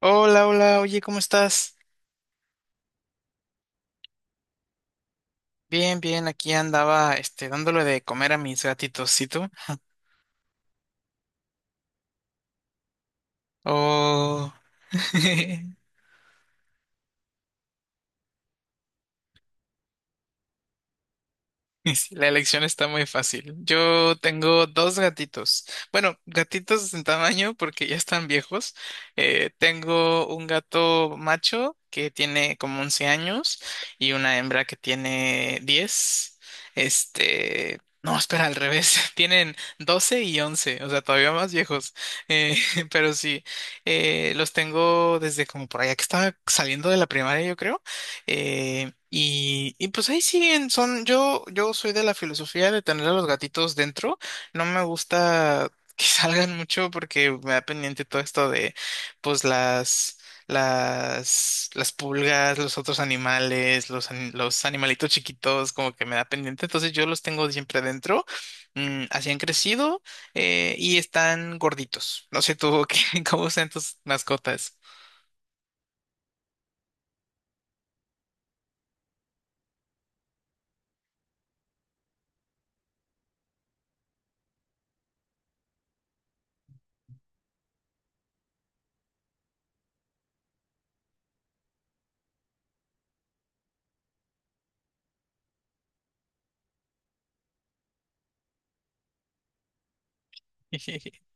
Hola, hola, oye, ¿cómo estás? Bien, bien, aquí andaba, dándole de comer a mis gatitos, ¿y tú? Oh. Y sí, la elección está muy fácil. Yo tengo dos gatitos. Bueno, gatitos en tamaño porque ya están viejos. Tengo un gato macho que tiene como 11 años y una hembra que tiene 10. No, espera, al revés. Tienen 12 y 11, o sea, todavía más viejos. Eh, pero sí, los tengo desde como por allá que estaba saliendo de la primaria, yo creo. Y pues ahí siguen, son, yo soy de la filosofía de tener a los gatitos dentro, no me gusta que salgan mucho porque me da pendiente todo esto de pues las pulgas, los otros animales, los animalitos chiquitos, como que me da pendiente, entonces yo los tengo siempre dentro, así han crecido, y están gorditos, no sé tú cómo sean tus mascotas.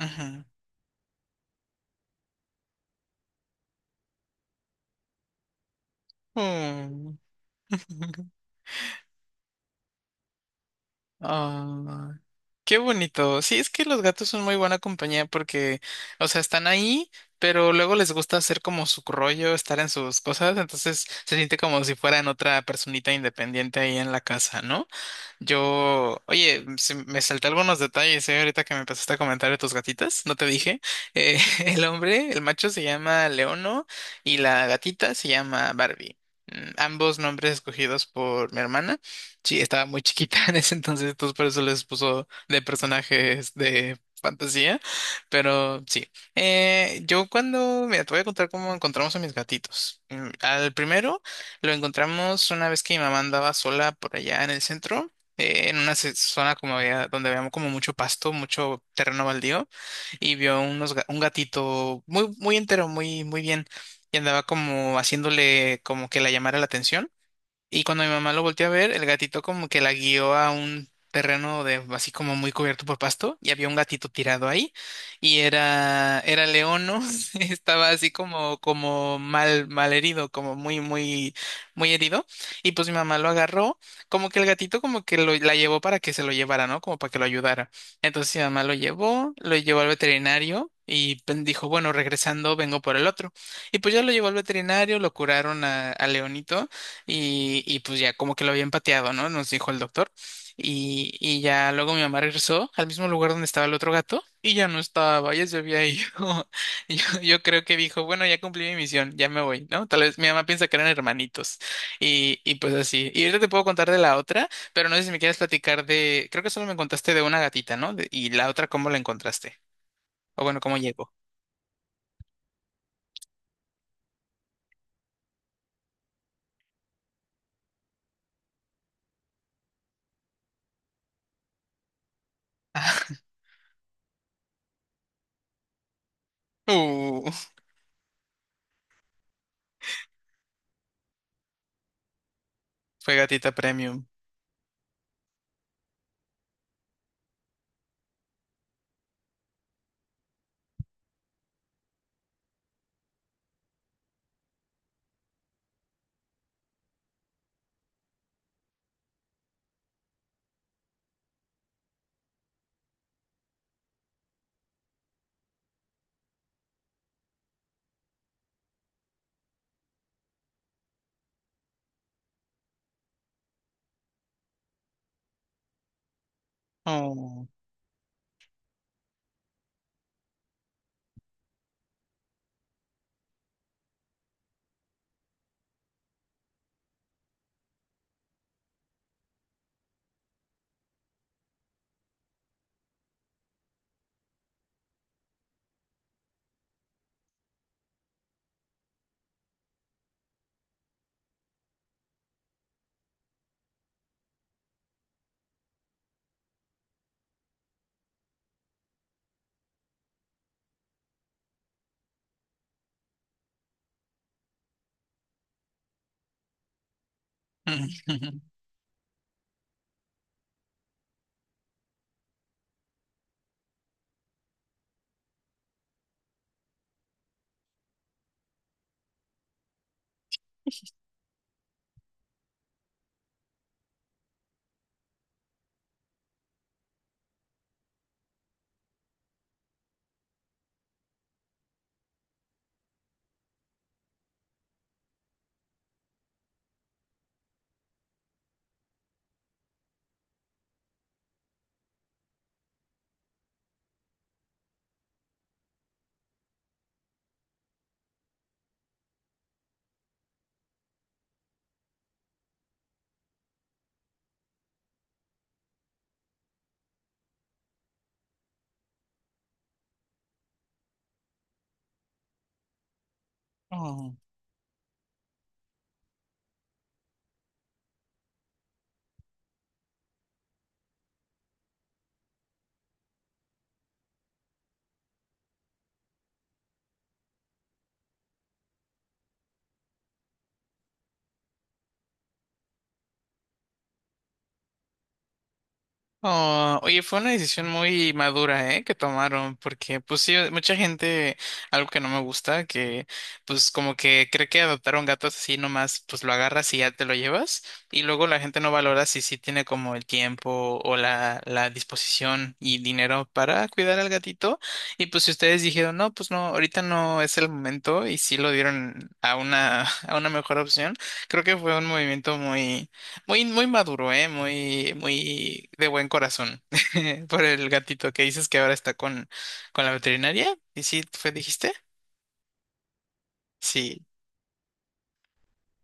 Ujú. Mm. Ah, qué bonito. Sí, es que los gatos son muy buena compañía porque, o sea, están ahí, pero luego les gusta hacer como su rollo, estar en sus cosas, entonces se siente como si fueran otra personita independiente ahí en la casa, ¿no? Oye, me salté algunos detalles, ¿eh? Ahorita que me empezaste a comentar de tus gatitas, no te dije. Eh, el macho se llama Leono y la gatita se llama Barbie. Ambos nombres escogidos por mi hermana. Sí, estaba muy chiquita en ese entonces, entonces por eso les puso de personajes de fantasía. Pero sí. Mira, te voy a contar cómo encontramos a mis gatitos. Al primero lo encontramos una vez que mi mamá andaba sola por allá en el centro, en una zona donde había como mucho pasto, mucho terreno baldío, y vio un gatito muy, muy entero, muy, muy bien, y andaba como haciéndole como que la llamara la atención. Y cuando mi mamá lo volteó a ver, el gatito como que la guió a un terreno de así como muy cubierto por pasto y había un gatito tirado ahí y era Leono. Estaba así como mal mal herido, como muy muy muy herido, y pues mi mamá lo agarró, como que el gatito como que la llevó para que se lo llevara, ¿no? Como para que lo ayudara. Entonces mi mamá lo llevó, al veterinario y dijo, bueno, regresando vengo por el otro. Y pues ya lo llevó al veterinario, lo curaron a Leonito, y, pues ya como que lo había empateado, ¿no? Nos dijo el doctor. Y ya luego mi mamá regresó al mismo lugar donde estaba el otro gato y ya no estaba, ya se había ido. Yo creo que dijo, bueno, ya cumplí mi misión, ya me voy, ¿no? Tal vez mi mamá piensa que eran hermanitos y pues así. Y ahorita te puedo contar de la otra, pero no sé si me quieres platicar creo que solo me contaste de una gatita, ¿no? Y la otra, ¿cómo la encontraste? O bueno, ¿cómo llegó? Uh, fue gatita premium. Oh. Oh. Oh, oye, fue una decisión muy madura, ¿eh? Que tomaron, porque pues sí, mucha gente, algo que no me gusta, que pues como que cree que adoptar un gato es así nomás, pues lo agarras y ya te lo llevas, y luego la gente no valora si sí tiene como el tiempo o la disposición y dinero para cuidar al gatito, y pues si ustedes dijeron, no, pues no, ahorita no es el momento, y sí lo dieron a una, a una mejor opción. Creo que fue un movimiento muy muy, muy maduro, ¿eh? Muy, muy de buen corazón por el gatito que dices que ahora está con la veterinaria. ¿Y sí, fue, dijiste? Sí.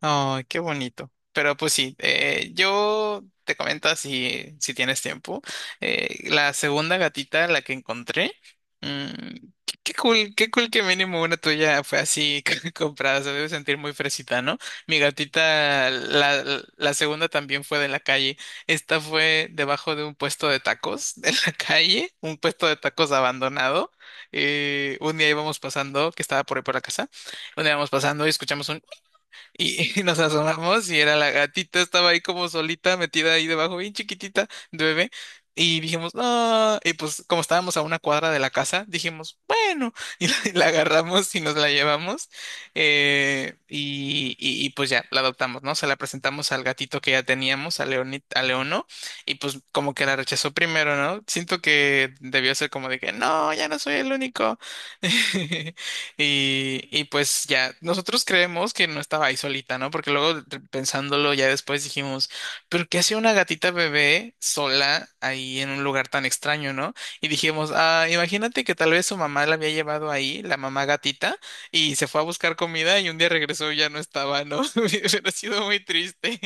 Ay, qué bonito. Pero pues sí, yo te comento si tienes tiempo. La segunda gatita, la que encontré, mm, qué cool que mínimo una tuya fue así comprada. Se debe sentir muy fresita, ¿no? Mi gatita, la segunda también fue de la calle. Esta fue debajo de un puesto de tacos de la calle, un puesto de tacos abandonado. Un día íbamos pasando, que estaba por ahí por la casa. Un día íbamos pasando y escuchamos, y, y nos asomamos y era la gatita, estaba ahí como solita, metida ahí debajo, bien chiquitita, de bebé. Y dijimos, no, y pues como estábamos a una cuadra de la casa, dijimos, bueno, y la agarramos y nos la llevamos. Pues ya, la adoptamos, ¿no? Se la presentamos al gatito que ya teníamos, a a Leono, y pues como que la rechazó primero, ¿no? Siento que debió ser como de que, no, ya no soy el único. Y pues ya, nosotros creemos que no estaba ahí solita, ¿no? Porque luego pensándolo ya después dijimos, ¿pero qué hace una gatita bebé sola ahí en un lugar tan extraño? ¿No? Y dijimos, ah, imagínate que tal vez su mamá la había llevado ahí, la mamá gatita, y se fue a buscar comida y un día regresó y ya no estaba, ¿no? Hubiera sido muy triste.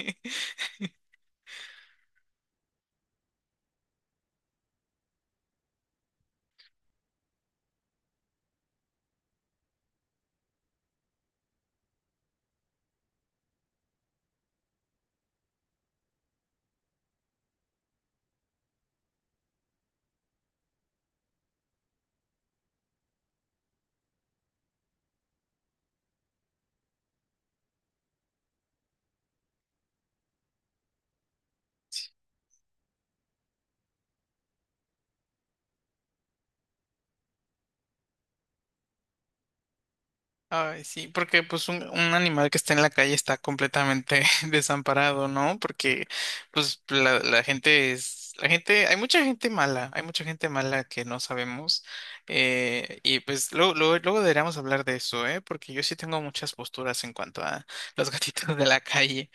Ay, sí, porque pues un animal que está en la calle está completamente desamparado, ¿no? Porque pues la gente la gente, hay mucha gente mala, hay mucha gente mala que no sabemos. Y pues luego, luego, luego deberíamos hablar de eso, ¿eh? Porque yo sí tengo muchas posturas en cuanto a los gatitos de la calle.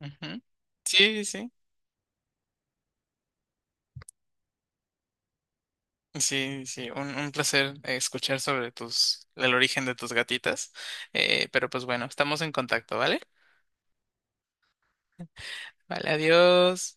Ujú. Sí, sí, sí, sí, un placer, escuchar sobre el origen de tus gatitas. Pero pues bueno, estamos en contacto, ¿vale? Vale, adiós.